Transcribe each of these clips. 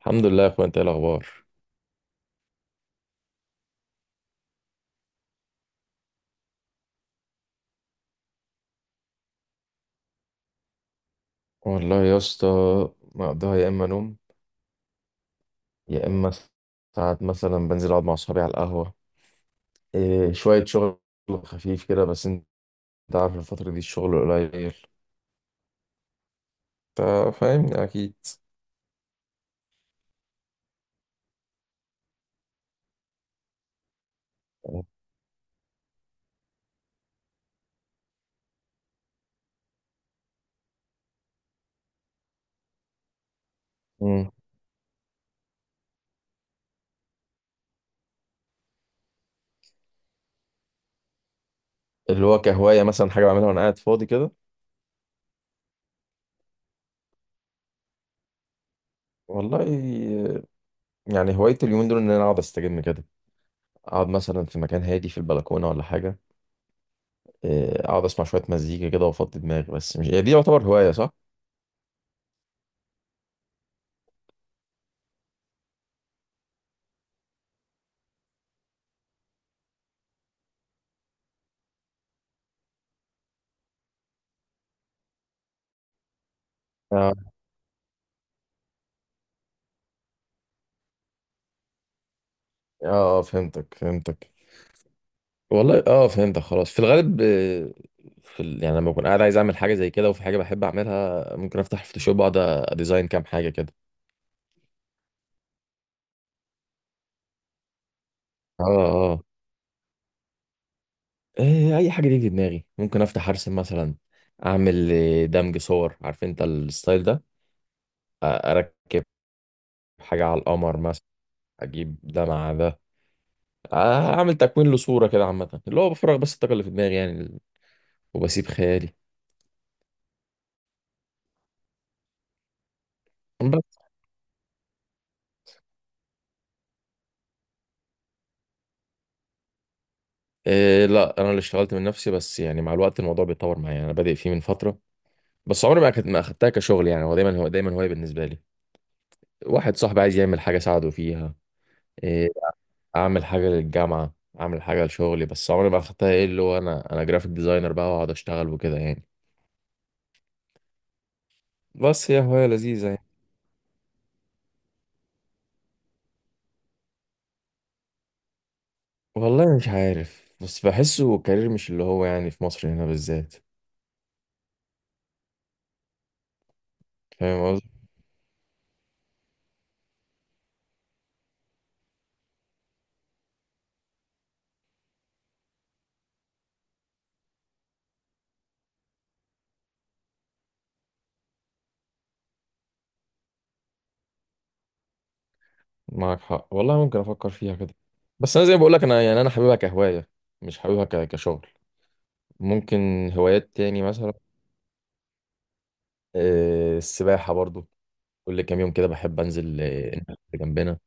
الحمد لله يا اخويا، انت ايه الاخبار؟ والله يا اسطى مقضيها يا اما نوم، يا اما ساعات مثلا بنزل اقعد مع اصحابي على القهوه. إيه، شويه شغل خفيف كده، بس انت عارف الفتره دي الشغل قليل. انت فاهمني اكيد. مم. اللي هو كهوايه مثلا، حاجه بعملها وانا قاعد فاضي كده. والله يعني هوايتي اليومين دول ان انا اقعد استجم كده، اقعد مثلا في مكان هادي في البلكونه ولا حاجه. إيه، اقعد اسمع شويه مزيكا كده وافضي دماغي، بس مش هي دي يعتبر هوايه صح؟ اه اه. فهمتك فهمتك، والله اه فهمتك خلاص. في الغالب في يعني لما بكون قاعد عايز اعمل حاجه زي كده، وفي حاجه بحب اعملها ممكن افتح فوتوشوب، اقعد اديزاين كام حاجه كده. اه اه. إيه، اي حاجه تيجي في دماغي ممكن افتح ارسم مثلا، اعمل دمج صور، عارف انت الستايل ده. اركب حاجه على القمر مثلا، اجيب ده مع ده، اعمل تكوين لصوره كده. عامه اللي هو بفرغ بس الطاقه اللي في دماغي يعني، وبسيب خيالي. بس إيه، لا انا اللي اشتغلت من نفسي، بس يعني مع الوقت الموضوع بيتطور معايا، انا بادئ فيه من فتره، بس عمري ما اخدتها كشغل يعني. هو دايما هو دايما هواية بالنسبة لي. واحد صاحبي عايز يعمل حاجة ساعده فيها، إيه، اعمل حاجة للجامعة، اعمل حاجة لشغلي، بس عمري ما اخدتها ايه اللي هو انا جرافيك ديزاينر بقى واقعد اشتغل وكده يعني. بس هي هواية لذيذة يعني. والله مش عارف، بس بحسه كارير مش اللي هو يعني في مصر هنا بالذات. فاهم قصدي. معاك حق والله، ممكن افكر فيها كده، بس انا زي ما بقول لك انا يعني انا حاببها كهوايه، مش حاببها كشغل. ممكن هوايات تاني مثلا، السباحه برضو، كل كام يوم كده بحب انزل النادي اللي جنبنا.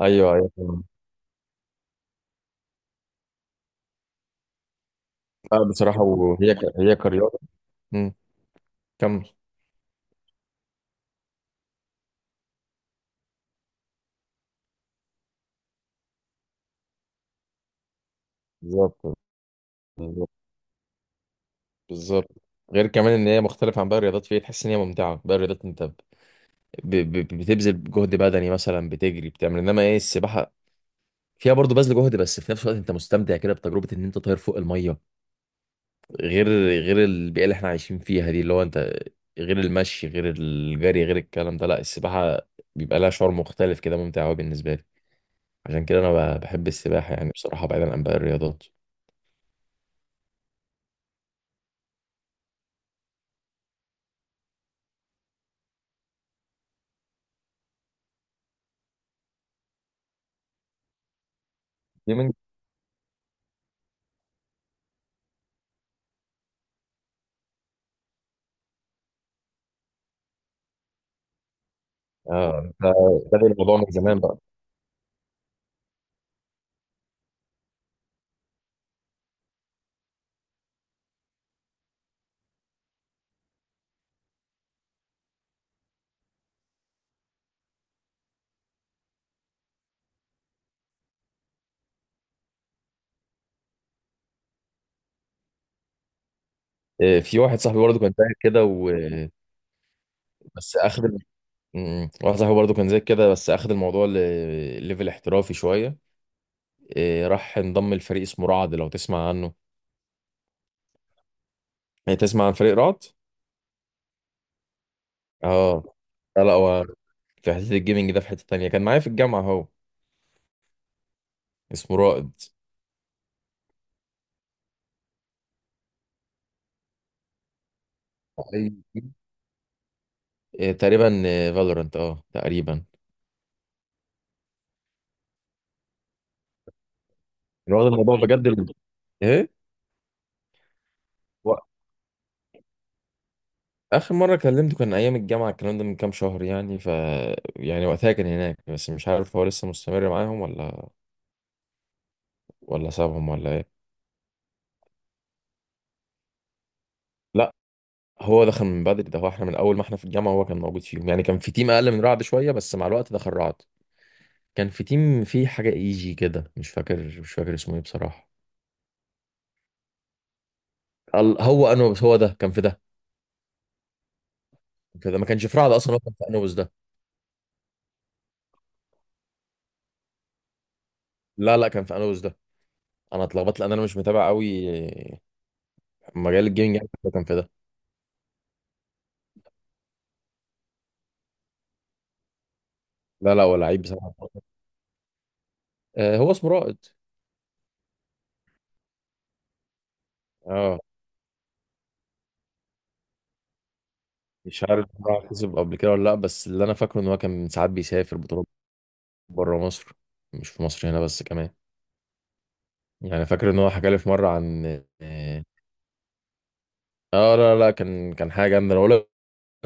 ايوه ايوه طبعاً. لا بصراحه، هي كرياضه. مم. كمل. بالظبط، بالظبط، بالظبط. غير كمان ان هي مختلفه عن باقي الرياضات، فهي تحس ان هي ممتعه. باقي الرياضات انت بتبذل جهد بدني مثلا، بتجري بتعمل، انما ايه السباحه فيها برضه بذل جهد بس في نفس الوقت انت مستمتع كده بتجربه ان انت طاير فوق الميه. غير البيئه اللي احنا عايشين فيها دي، اللي هو انت غير المشي غير الجري غير الكلام ده، لا السباحه بيبقى لها شعور مختلف كده، ممتع قوي بالنسبه لي. عشان كده انا بحب السباحه يعني بصراحه بعيدا عن باقي الرياضات. دي من اه، انت بادئ الموضوع من زمان بقى. إيه، في واحد صاحبي برضه كان زيك كده بس اخد واحد صاحبي برضه كان زيك كده، بس اخد الموضوع ليفل احترافي شويه. إيه، راح انضم لفريق اسمه رعد، لو تسمع عنه. إيه، تسمع عن فريق رعد؟ اه. لا هو في حته الجيمنج ده، في حته تانية كان معايا في الجامعه اهو، اسمه رائد. أي- إيه، تقريبا فالورانت، اه تقريبا. واخد الموضوع بجد. ايه اخر مره كلمته كان ايام الجامعه، الكلام ده من كام شهر يعني، ف يعني وقتها كان هناك، بس مش عارف هو لسه مستمر معاهم ولا، ولا سابهم، ولا ايه. لا هو دخل من بدري ده، هو احنا من اول ما احنا في الجامعه هو كان موجود فيهم يعني. كان في تيم اقل من رعد شويه، بس مع الوقت دخل رعد. كان في تيم فيه حاجه ايجي كده، مش فاكر اسمه ايه بصراحه. هو انوبس، هو ده كان في ده، كان في ده، ما كانش في رعد اصلا، هو كان في انوبس ده. لا كان في انوبس ده. انا اتلخبطت لان انا مش متابع قوي مجال الجيمنج يعني، بس هو كان في ده. لا هو لعيب بصراحه. هو اسمه رائد. اه مش عارف بقى كسب قبل كده ولا لا، بس اللي انا فاكره ان هو كان ساعات بيسافر بطولات بره مصر، مش في مصر هنا بس كمان. يعني فاكر ان هو حكى لي في مره عن اه، لا كان، كان حاجه جامده انا بقول لك.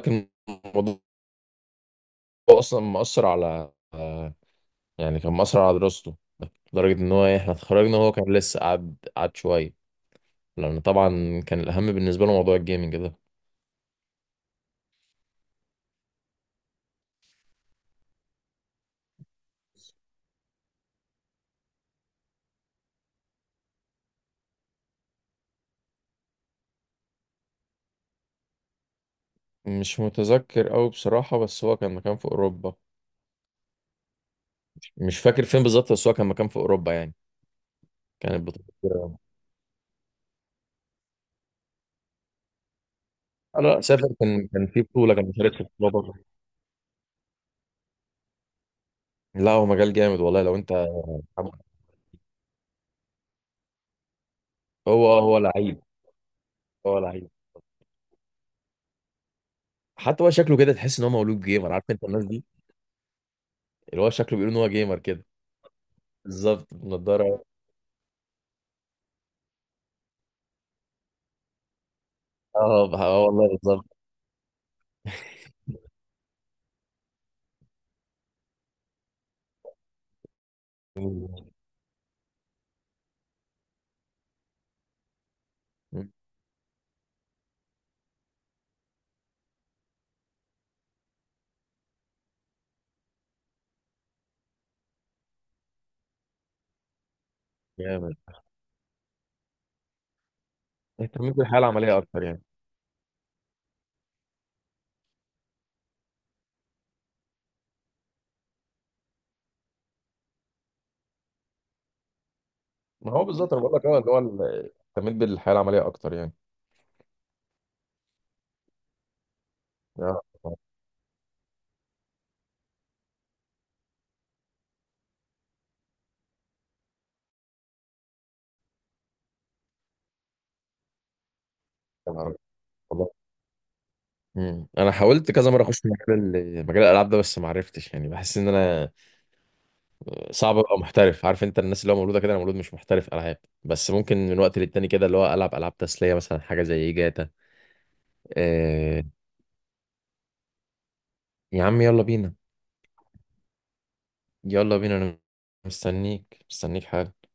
كان الموضوع اصلا مأثر على يعني كان مأثر على دراسته، لدرجه ان هو إيه، احنا اتخرجنا وهو كان لسه قعد شويه، لان طبعا كان الاهم بالنسبه له موضوع الجيمنج ده. مش متذكر قوي بصراحه، بس هو كان مكان في اوروبا. مش فاكر فين بالظبط، بس هو كان مكان في اوروبا يعني. كانت بطولة، انا سافر، كان كان في بطولة، كان مشارك في بطولة بره. لا هو مجال جامد والله لو انت، هو لعيب، هو لعيب. حتى هو شكله كده تحس ان هو مولود جيمر، عارف انت الناس دي اللي هو شكله بيقول ان هو جيمر كده. بالظبط النضارة. اه والله بالظبط. مم. جامد. اهتميت بالحياة العملية اكتر يعني. ما هو بالظبط انا بقول لك اه، اللي هو اهتميت بالحياة العملية اكتر يعني. آه، آه، آه، والله. انا حاولت كذا مره اخش في مجال مجال الالعاب ده، بس ما عرفتش يعني، بحس ان انا صعب ابقى محترف. عارف انت الناس اللي هو مولوده كده، انا مولود مش محترف العاب، بس ممكن من وقت للتاني كده اللي هو العب العاب تسليه مثلا، حاجه زي جاتا. آه... يا عم يلا بينا. يلا بينا انا، مستنيك حاجه.